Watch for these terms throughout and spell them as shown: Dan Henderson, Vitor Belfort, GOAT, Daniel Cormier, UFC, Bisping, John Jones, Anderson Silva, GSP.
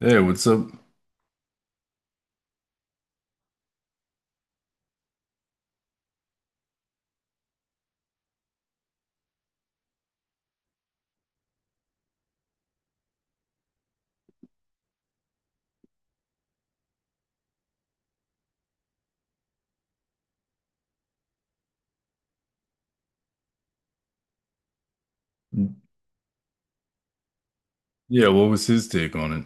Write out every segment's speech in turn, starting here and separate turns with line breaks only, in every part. Hey, what's up? Yeah, what was his take on it?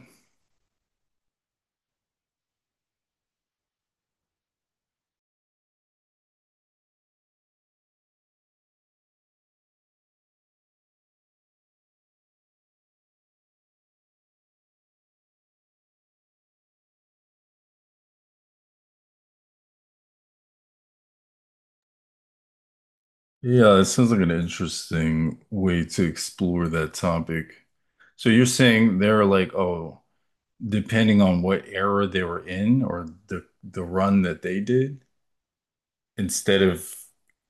Yeah, it sounds like an interesting way to explore that topic. So you're saying they're like, oh, depending on what era they were in or the run that they did, instead of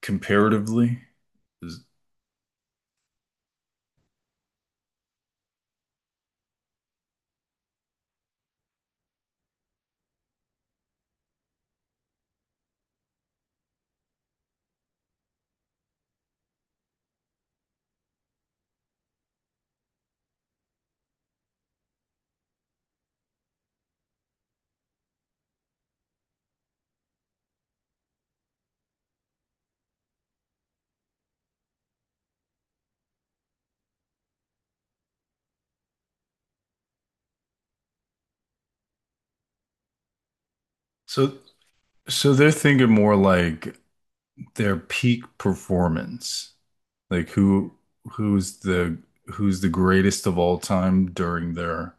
comparatively. Is- So so they're thinking more like their peak performance. Like who's the who's the greatest of all time during their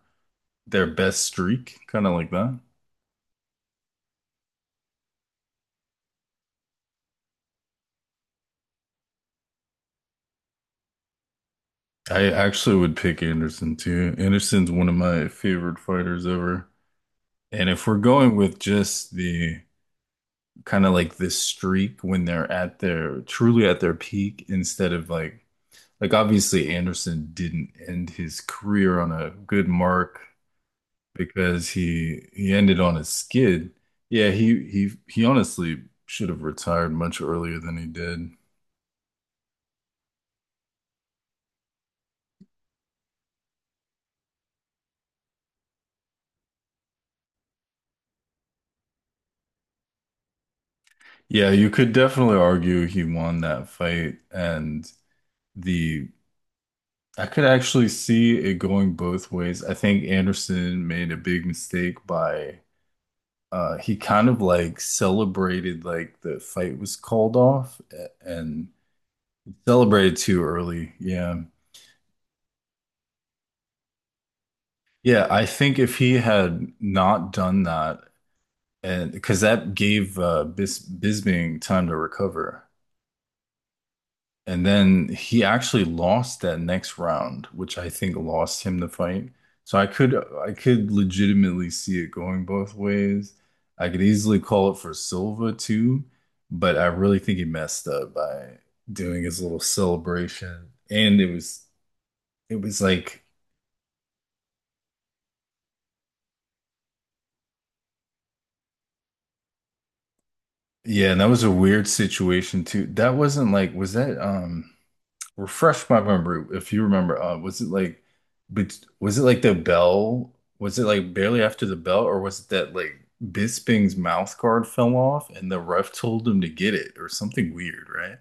Their best streak, kind of like that. I actually would pick Anderson too. Anderson's one of my favorite fighters ever. And if we're going with just the kind of like this streak when they're at their truly at their peak instead of like obviously Anderson didn't end his career on a good mark because he ended on a skid. Yeah, he honestly should have retired much earlier than he did. Yeah, you could definitely argue he won that fight, and the I could actually see it going both ways. I think Anderson made a big mistake by he kind of like celebrated like the fight was called off and celebrated too early. Yeah. Yeah, I think if he had not done that and because that gave Bisbing time to recover. And then he actually lost that next round, which I think lost him the fight. So I could legitimately see it going both ways. I could easily call it for Silva too, but I really think he messed up by doing his little celebration. And it was like yeah, and that was a weird situation too. That wasn't like was that, refresh my memory if you remember was it like but was it like the bell was it like barely after the bell or was it that like Bisping's mouth guard fell off and the ref told him to get it or something weird, right?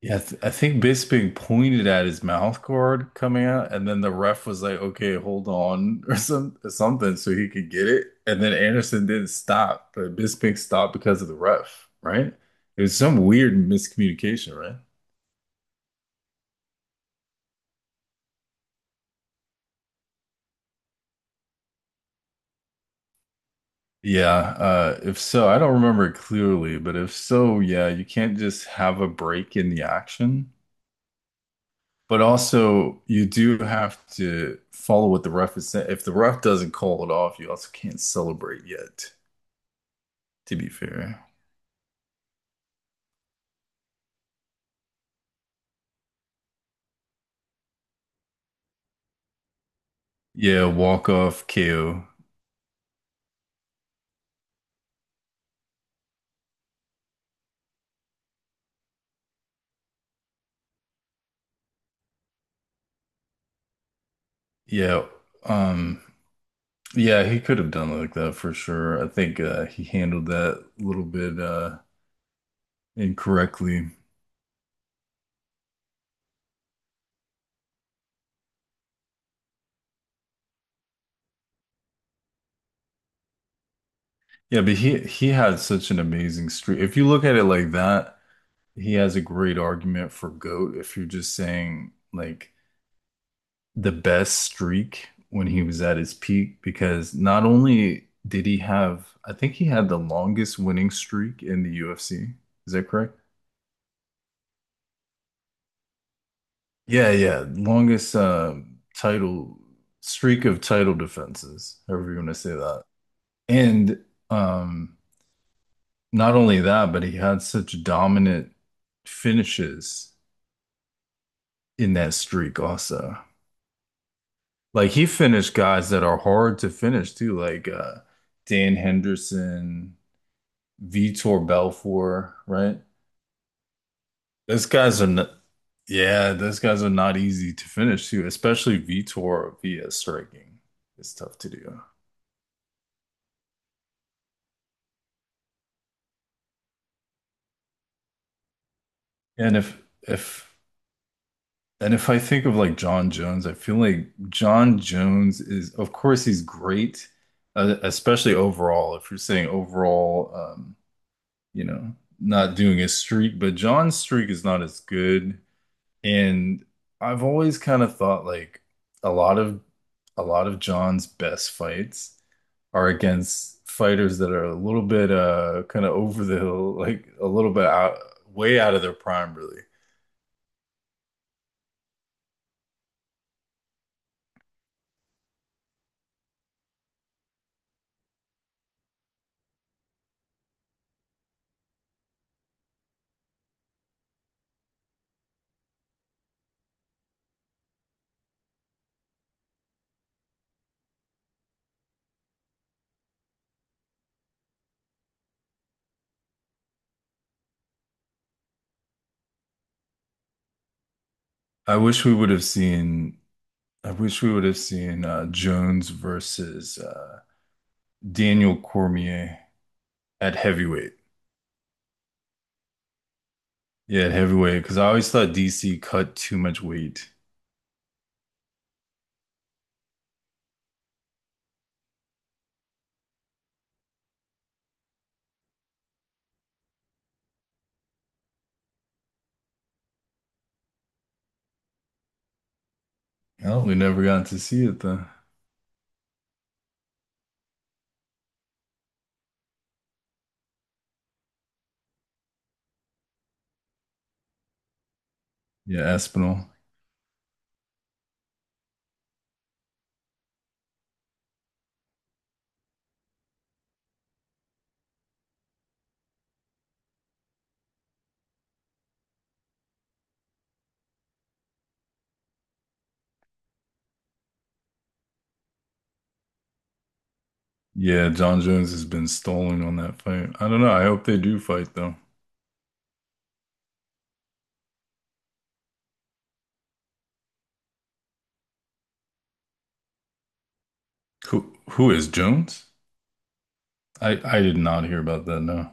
Yeah, I think Bisping pointed at his mouth guard coming out and then the ref was like, okay, hold on or something so he could get it and then Anderson didn't stop but Bisping stopped because of the ref, right? It was some weird miscommunication, right? Yeah, if so, I don't remember it clearly, but if so, yeah, you can't just have a break in the action. But also, you do have to follow what the ref is saying. If the ref doesn't call it off, you also can't celebrate yet, to be fair. Yeah, walk off KO. Yeah, um, yeah, he could have done it like that for sure. I think he handled that a little bit incorrectly. Yeah, but he had such an amazing streak. If you look at it like that, he has a great argument for GOAT if you're just saying like the best streak when he was at his peak, because not only did he have, I think he had the longest winning streak in the UFC. Is that correct? Yeah, yeah, longest title streak of title defenses, however you want to say that. And um, not only that, but he had such dominant finishes in that streak also. Like he finished guys that are hard to finish too, like Dan Henderson, Vitor Belfort, right? Those guys are not, yeah, those guys are not easy to finish too, especially Vitor via striking. It's tough to do. And if if and if I think of like John Jones, I feel like John Jones is, of course, he's great, especially overall. If you're saying overall, you know, not doing his streak, but John's streak is not as good. And I've always kind of thought like a lot of a lot of John's best fights are against fighters that are a little bit kind of over the hill, like a little bit out way out of their prime, really. I wish we would have seen I wish we would have seen Jones versus Daniel Cormier at heavyweight. Yeah, at heavyweight, because I always thought DC cut too much weight. Oh, we never got to see it then. Yeah, Espinal. Yeah, John Jones has been stalling on that fight. I don't know. I hope they do fight though. Who is Jones? I did not hear about that. No,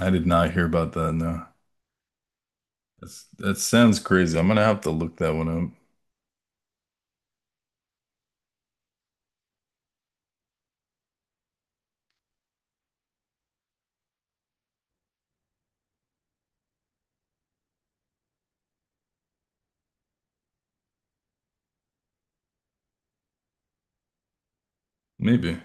I did not hear about that. No, that's, that sounds crazy. I'm gonna have to look that one up. Maybe.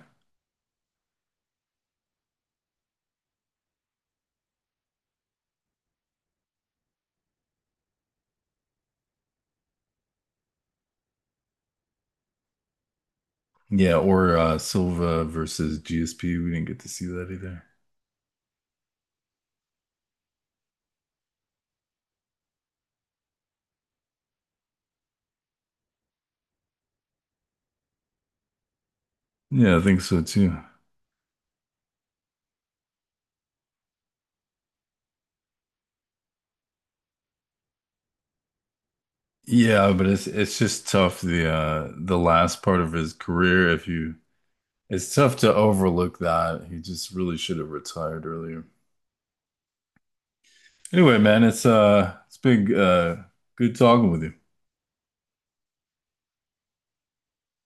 Yeah, or Silva versus GSP. We didn't get to see that either. Yeah, I think so too. Yeah, but it's just tough the last part of his career if you it's tough to overlook that. He just really should have retired earlier. Anyway, man, it's been good talking with you.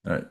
All right.